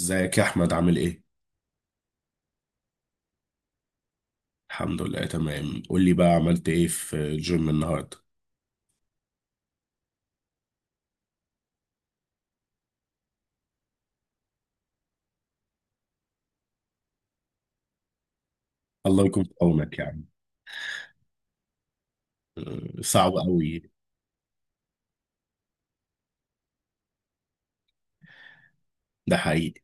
ازيك يا احمد، عامل ايه؟ الحمد لله تمام. قول لي بقى، عملت ايه في الجيم النهارده؟ الله يكون في عونك يعني. صعب قوي. ده حقيقي.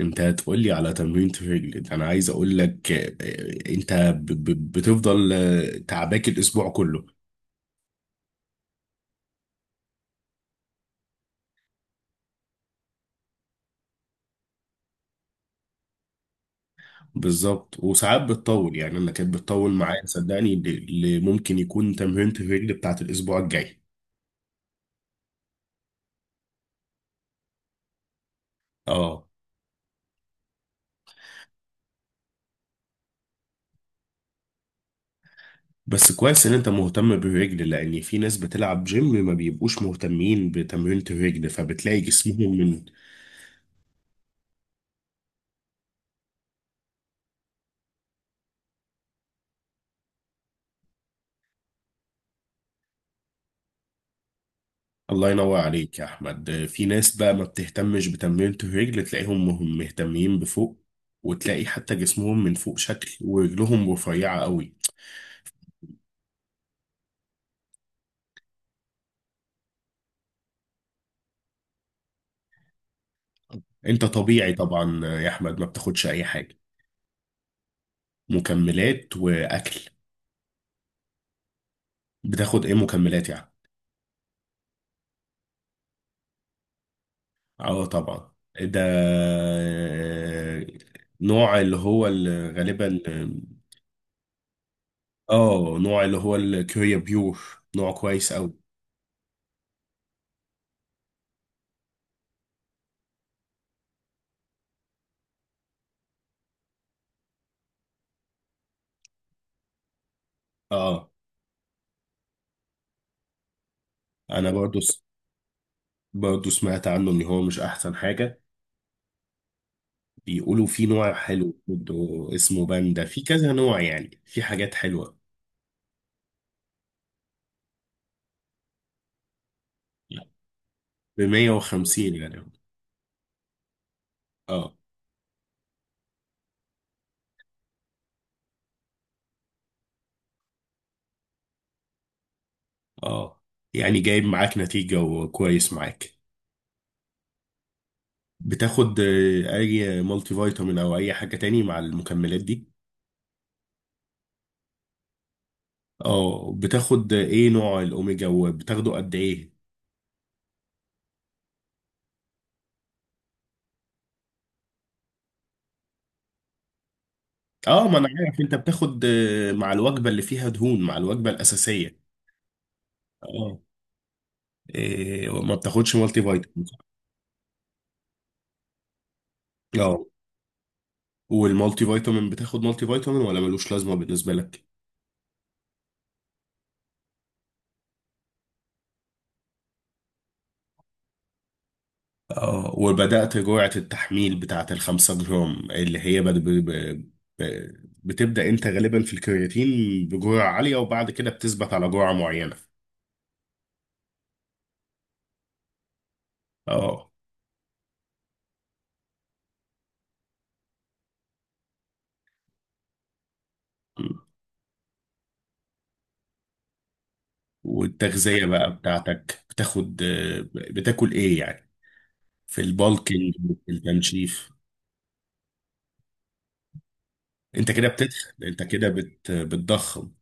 انت هتقول لي على تمرين الرجل ده، انا عايز اقول لك انت بتفضل تعباك الاسبوع كله. بالظبط. وساعات بتطول يعني، انا كانت بتطول معايا صدقني. ممكن يكون تمرين الرجل بتاعت الاسبوع الجاي. اه، بس كويس ان انت مهتم بالرجل، لان في ناس بتلعب جيم ما بيبقوش مهتمين بتمرينة الرجل، فبتلاقي جسمهم من. الله ينور عليك يا احمد. في ناس بقى ما بتهتمش بتمرينة الرجل، تلاقيهم مهتمين بفوق، وتلاقي حتى جسمهم من فوق شكل ورجلهم رفيعة قوي. انت طبيعي طبعا يا احمد، ما بتاخدش اي حاجة؟ مكملات واكل. بتاخد ايه مكملات يعني؟ اه طبعا. ده نوع اللي هو اللي غالبا. اه، نوع اللي هو الكوريا بيور. نوع كويس قوي. اه، انا برضو سمعت عنه ان هو مش احسن حاجة. بيقولوا في نوع حلو برضو اسمه باندا، في كذا نوع يعني، في حاجات حلوة. ب 150 يعني؟ اه اه. يعني جايب معاك نتيجة وكويس معاك. بتاخد اي مالتي فيتامين او اي حاجة تاني مع المكملات دي؟ اه. بتاخد ايه نوع الاوميجا وبتاخده قد ايه؟ اه، ما انا عارف. انت بتاخد مع الوجبه اللي فيها دهون، مع الوجبه الاساسيه. اه. إيه، ما بتاخدش مالتي فيتامين؟ اه. والمالتي فيتامين، بتاخد مالتي فيتامين ولا ملوش لازمه بالنسبه لك؟ اه. وبدات جرعه التحميل بتاعه الخمسة جرام، اللي هي بتبدا انت غالبا في الكرياتين بجرعه عاليه، وبعد كده بتثبت على جرعه معينه. اه. والتغذيه بقى بتاعتك، بتاخد بتاكل ايه يعني؟ في البالكينج، في التنشيف. انت كده بتضخم.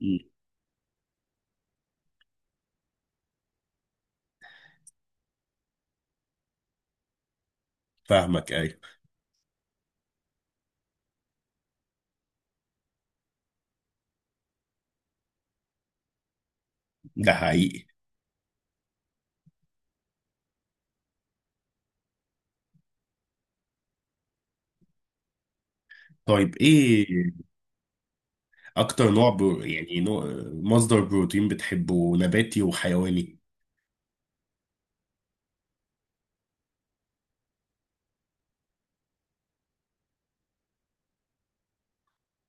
مم. فاهمك، ايوه. ده حقيقي. طيب، ايه اكتر نوع برو... يعني نوع... مصدر بروتين بتحبه، نباتي وحيواني؟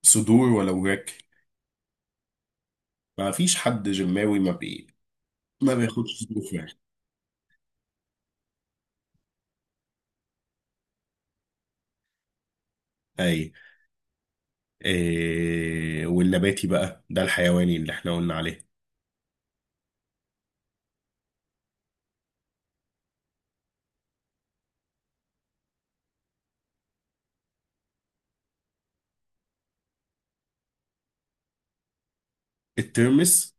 صدور ولا وراك؟ ما فيش حد جماوي ما بياخدش صدور فراخ. اي. إيه، والنباتي بقى، ده الحيواني اللي احنا قلنا عليه. الترمس؟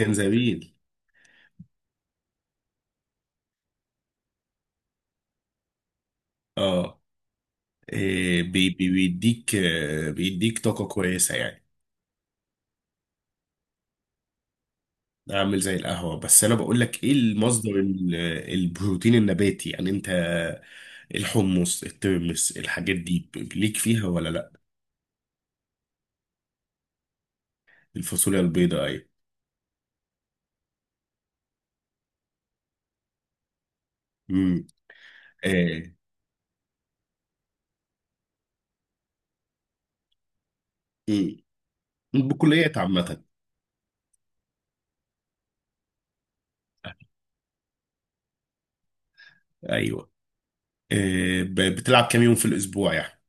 جنزبيل. اه. إيه... بي... بي... بيديك آه، بيديك طاقة كويسة يعني. اعمل زي القهوة، بس انا بقول لك ايه المصدر البروتين النباتي يعني. انت الحمص، الترمس، الحاجات دي ليك فيها ولا لا؟ الفاصوليا البيضاء، ايوه. امم. آه. مم. بكليات عامة. ايوه. آه. بتلعب كام يوم في الاسبوع يعني؟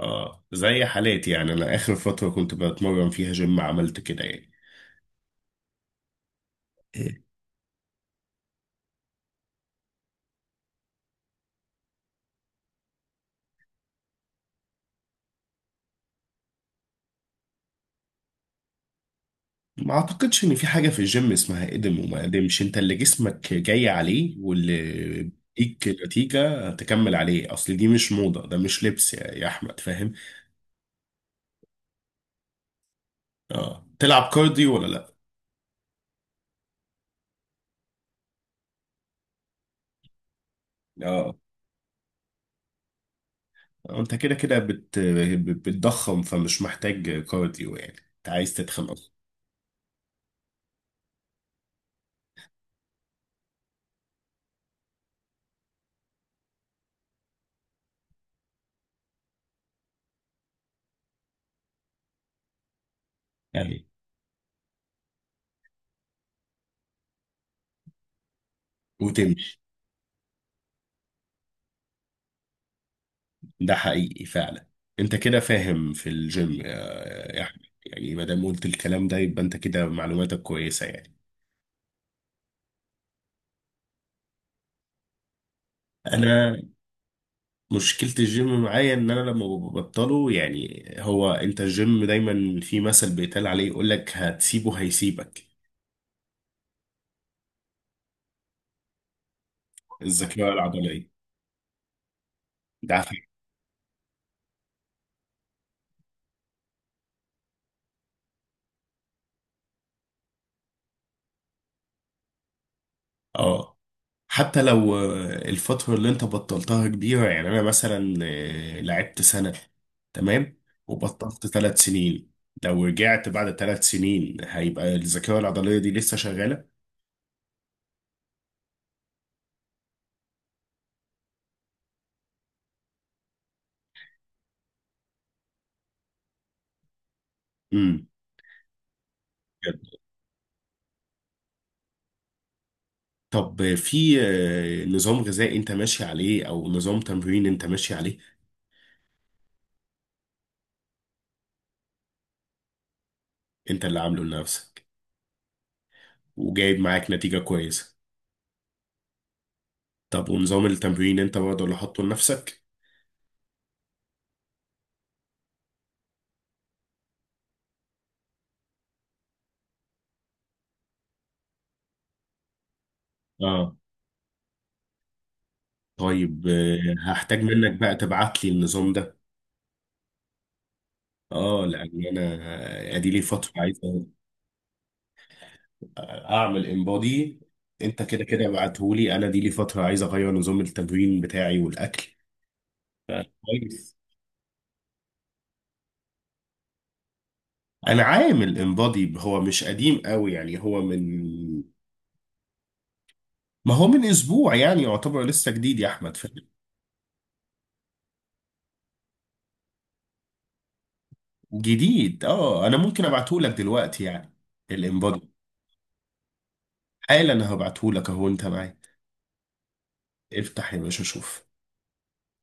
اه، زي حالاتي يعني. انا اخر فترة كنت بتمرن فيها جيم عملت كده يعني. ما اعتقدش ان في حاجة في الجيم اسمها قدم وما قدمش. انت اللي جسمك جاي عليه، واللي بيديك نتيجة تكمل عليه. اصل دي مش موضة، ده مش لبس يا احمد، فاهم؟ اه. تلعب كارديو ولا لا؟ اه. انت كده كده بتضخم، فمش محتاج كارديو يعني. انت عايز تتخن اصلا. يعني وتمشي. ده حقيقي فعلا. انت كده فاهم في الجيم يا احمد يعني. ما دام قلت الكلام ده، يبقى انت كده معلوماتك كويسة يعني. انا مشكلة الجيم معايا ان انا لما ببطله يعني، هو انت الجيم دايما في مثل بيتقال عليه، يقول لك هتسيبه هيسيبك. الذاكرة العضلية. ده عافية. اه، حتى لو الفترة اللي انت بطلتها كبيرة يعني. انا مثلا لعبت سنة، تمام، وبطلت ثلاث سنين. لو رجعت بعد ثلاث سنين، هيبقى الذاكرة العضلية دي لسه شغالة. امم. طب في نظام غذائي انت ماشي عليه، او نظام تمرين انت ماشي عليه؟ انت اللي عامله لنفسك؟ وجايب معاك نتيجة كويسة. طب ونظام التمرين انت برضه اللي حاطه لنفسك؟ اه. طيب هحتاج منك بقى تبعت لي النظام ده. اه، لان انا ادي لي فترة عايز اعمل انبادي. انت كده كده ابعتهولي. انا دي لي فترة عايز اغير نظام التمرين بتاعي والاكل. ف- كويس. انا عامل انبادي، هو مش قديم قوي يعني، هو من. ما هو من اسبوع يعني، يعتبر لسه جديد يا احمد. جديد. اه انا ممكن ابعته لك دلوقتي يعني؟ الانبادو. حالا انا هبعته لك اهو، انت معايا. افتح يا باشا شوف.